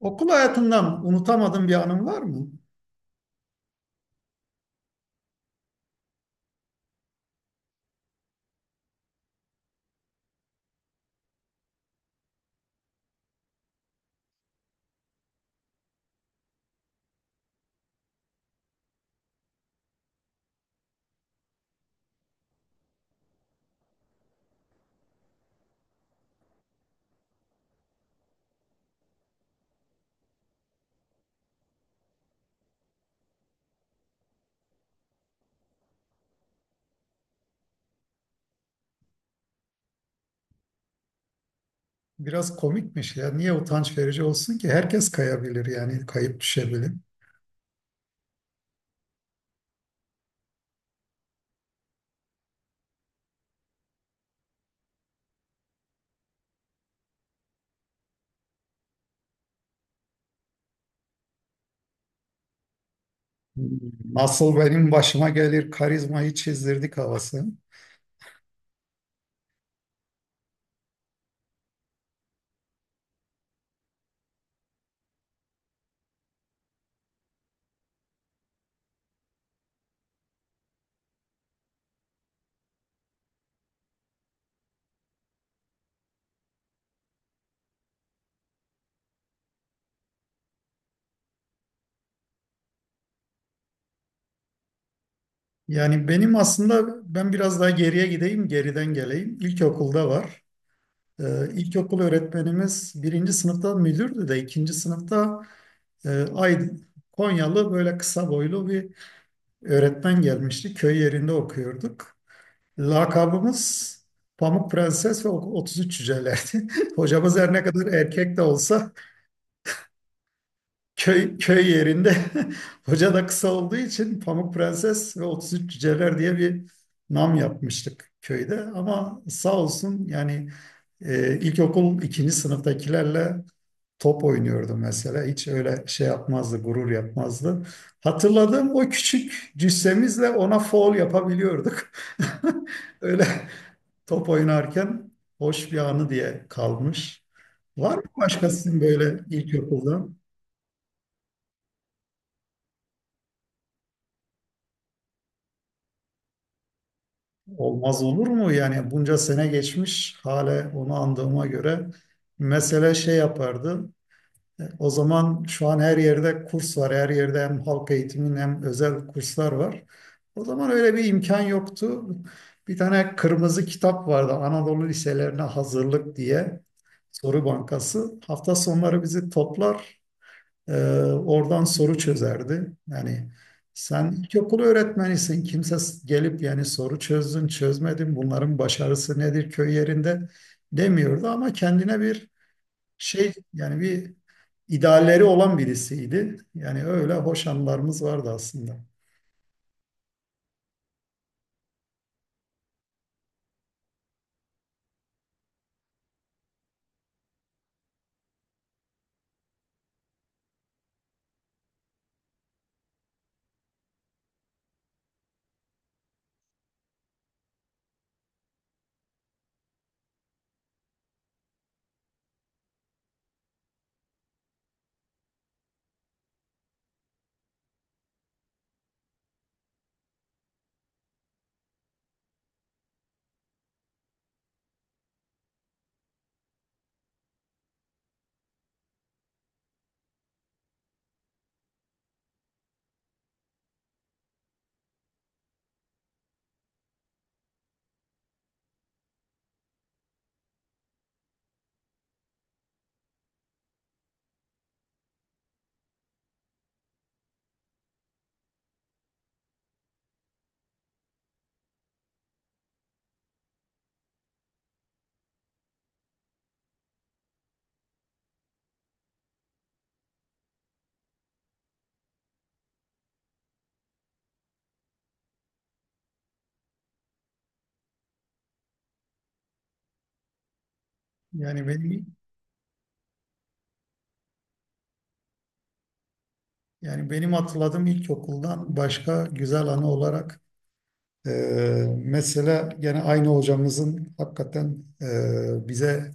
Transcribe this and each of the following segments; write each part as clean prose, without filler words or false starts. Okul hayatından unutamadığın bir anın var mı? Biraz komikmiş ya. Niye utanç verici olsun ki? Herkes kayabilir yani kayıp düşebilir. Nasıl benim başıma gelir karizmayı çizdirdik havası. Yani benim aslında ben biraz daha geriye gideyim, geriden geleyim. İlkokulda var. İlkokul öğretmenimiz birinci sınıfta müdürdü de ikinci sınıfta e, Aydın, Konyalı böyle kısa boylu bir öğretmen gelmişti. Köy yerinde okuyorduk. Lakabımız Pamuk Prenses ve 33 Cücelerdi. Hocamız her ne kadar erkek de olsa köy yerinde hoca da kısa olduğu için Pamuk Prenses ve 33 Cüceler diye bir nam yapmıştık köyde. Ama sağ olsun yani ilkokul ikinci sınıftakilerle top oynuyordu mesela. Hiç öyle şey yapmazdı, gurur yapmazdı. Hatırladığım o küçük cüssemizle ona foul yapabiliyorduk. Öyle top oynarken hoş bir anı diye kalmış. Var mı başkasının böyle ilkokuldan? Olmaz olur mu? Yani bunca sene geçmiş, hala onu andığıma göre mesele şey yapardı. O zaman şu an her yerde kurs var. Her yerde hem halk eğitimin hem özel kurslar var. O zaman öyle bir imkan yoktu. Bir tane kırmızı kitap vardı Anadolu Liselerine Hazırlık diye soru bankası. Hafta sonları bizi toplar, e, oradan soru çözerdi. Yani sen ilkokul öğretmenisin. Gelip yani soru çözdün, çözmedin, bunların başarısı nedir köy yerinde demiyordu ama kendine bir şey yani bir idealleri olan birisiydi. Yani öyle hoş anılarımız vardı aslında. Yani benim yani benim hatırladığım ilkokuldan başka güzel anı olarak e, mesela gene aynı hocamızın hakikaten bize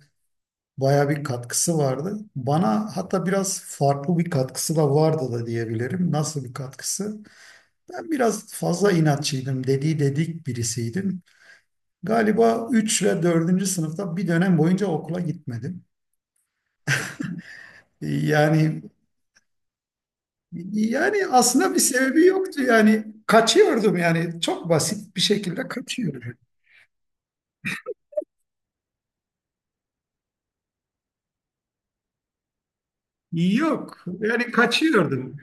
baya bir katkısı vardı. Bana hatta biraz farklı bir katkısı da vardı da diyebilirim. Nasıl bir katkısı? Ben biraz fazla inatçıydım, dedi dedik birisiydim. Galiba 3 ve 4. sınıfta bir dönem boyunca okula gitmedim. Ee, Yani yani aslında bir sebebi yoktu. Yani kaçıyordum yani çok basit bir şekilde kaçıyordum. Yok yani kaçıyordum.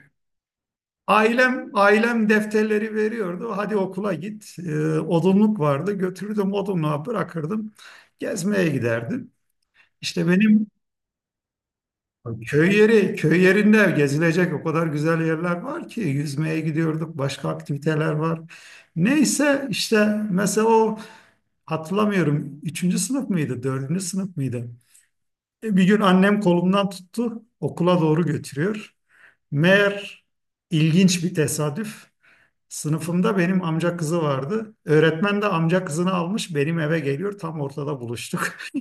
Ailem defterleri veriyordu. Hadi okula git. Odunluk vardı. Götürürdüm odunluğa bırakırdım. Gezmeye giderdim. İşte benim Köy yeri, köy yerinde gezilecek o kadar güzel yerler var ki yüzmeye gidiyorduk, başka aktiviteler var. Neyse işte mesela o hatırlamıyorum üçüncü sınıf mıydı, dördüncü sınıf mıydı? Bir gün annem kolumdan tuttu, okula doğru götürüyor. Meğer ilginç bir tesadüf. Sınıfımda benim amca kızı vardı. Öğretmen de amca kızını almış benim eve geliyor. Tam ortada buluştuk.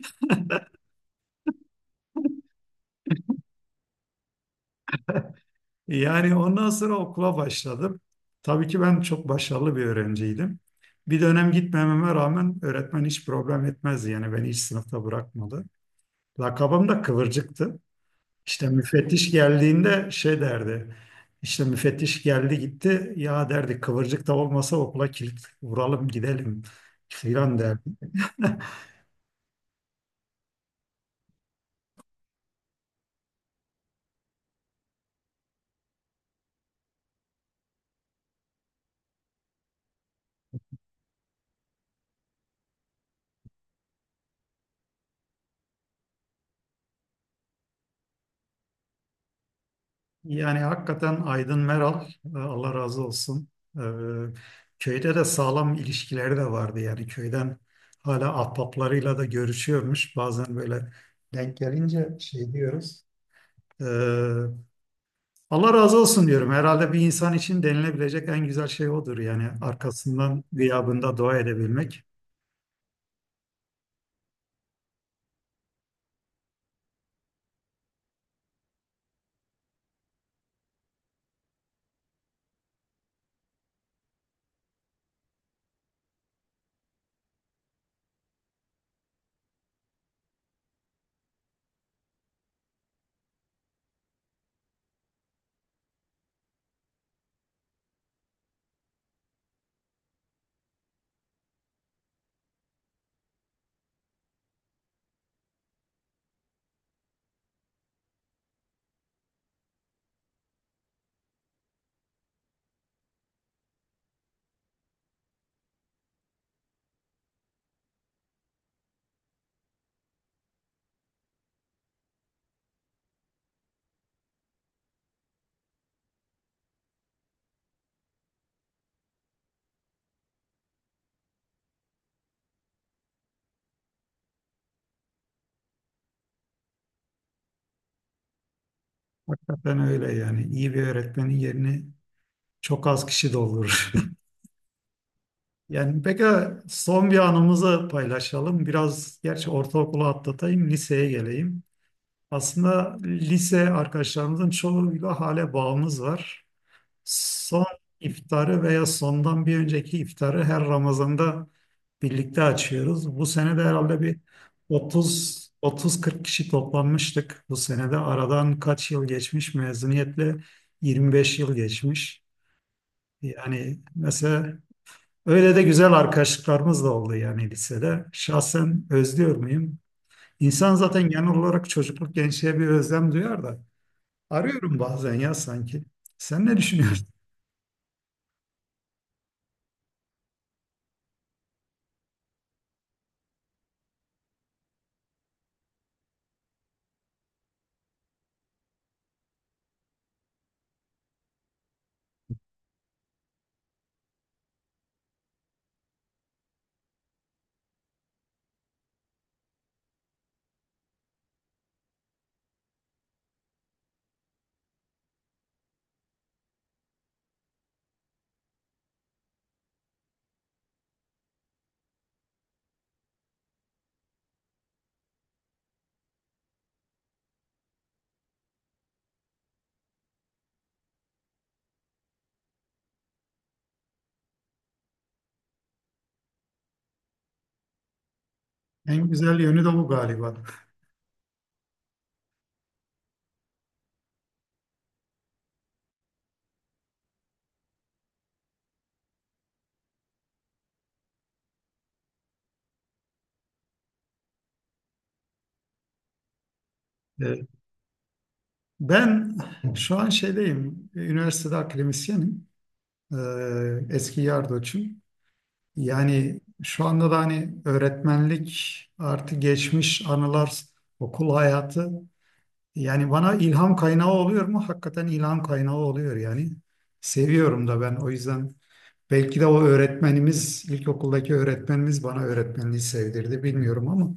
Yani ondan sonra okula başladım. Tabii ki ben çok başarılı bir öğrenciydim. Bir dönem gitmememe rağmen öğretmen hiç problem etmezdi. Yani beni hiç sınıfta bırakmadı. Lakabım da Kıvırcık'tı. İşte müfettiş geldiğinde şey derdi. İşte müfettiş geldi gitti. Ya derdi Kıvırcık da olmasa okula kilit vuralım gidelim filan derdi. Yani hakikaten Aydın Meral, Allah razı olsun. E, Köyde de sağlam ilişkileri de vardı yani köyden hala ahbaplarıyla da görüşüyormuş. Bazen böyle denk gelince şey diyoruz. E, Allah razı olsun diyorum. Herhalde bir insan için denilebilecek en güzel şey odur yani arkasından gıyabında dua edebilmek. Hakikaten öyle yani iyi bir öğretmenin yerini çok az kişi doldurur. Yani peki son bir anımızı paylaşalım. Biraz gerçi ortaokulu atlatayım, liseye geleyim. Aslında lise arkadaşlarımızın çoğuyla hale bağımız var. Son iftarı veya sondan bir önceki iftarı her Ramazan'da birlikte açıyoruz. Bu sene de herhalde bir 30 30-40 kişi toplanmıştık. Bu sene de aradan kaç yıl geçmiş? Mezuniyetle 25 yıl geçmiş. Yani mesela öyle de güzel arkadaşlıklarımız da oldu yani lisede. Şahsen özlüyor muyum? İnsan zaten genel olarak çocukluk gençliğe bir özlem duyar da. Arıyorum bazen ya sanki. Sen ne düşünüyorsun? En güzel yönü de bu galiba. Ee, Ben şu an şeydeyim, üniversitede akademisyenim. Eski yardoçum. Yani şu anda da hani öğretmenlik artı geçmiş anılar, okul hayatı. Yani bana ilham kaynağı oluyor mu? Hakikaten ilham kaynağı oluyor yani. Seviyorum da ben o yüzden belki de o öğretmenimiz, ilkokuldaki öğretmenimiz bana öğretmenliği sevdirdi bilmiyorum ama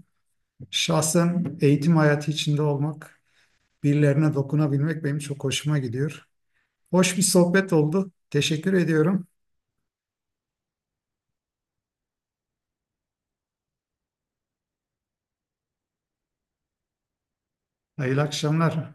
şahsen eğitim hayatı içinde olmak, birilerine dokunabilmek benim çok hoşuma gidiyor. Hoş bir sohbet oldu. Teşekkür ediyorum. Hayırlı akşamlar.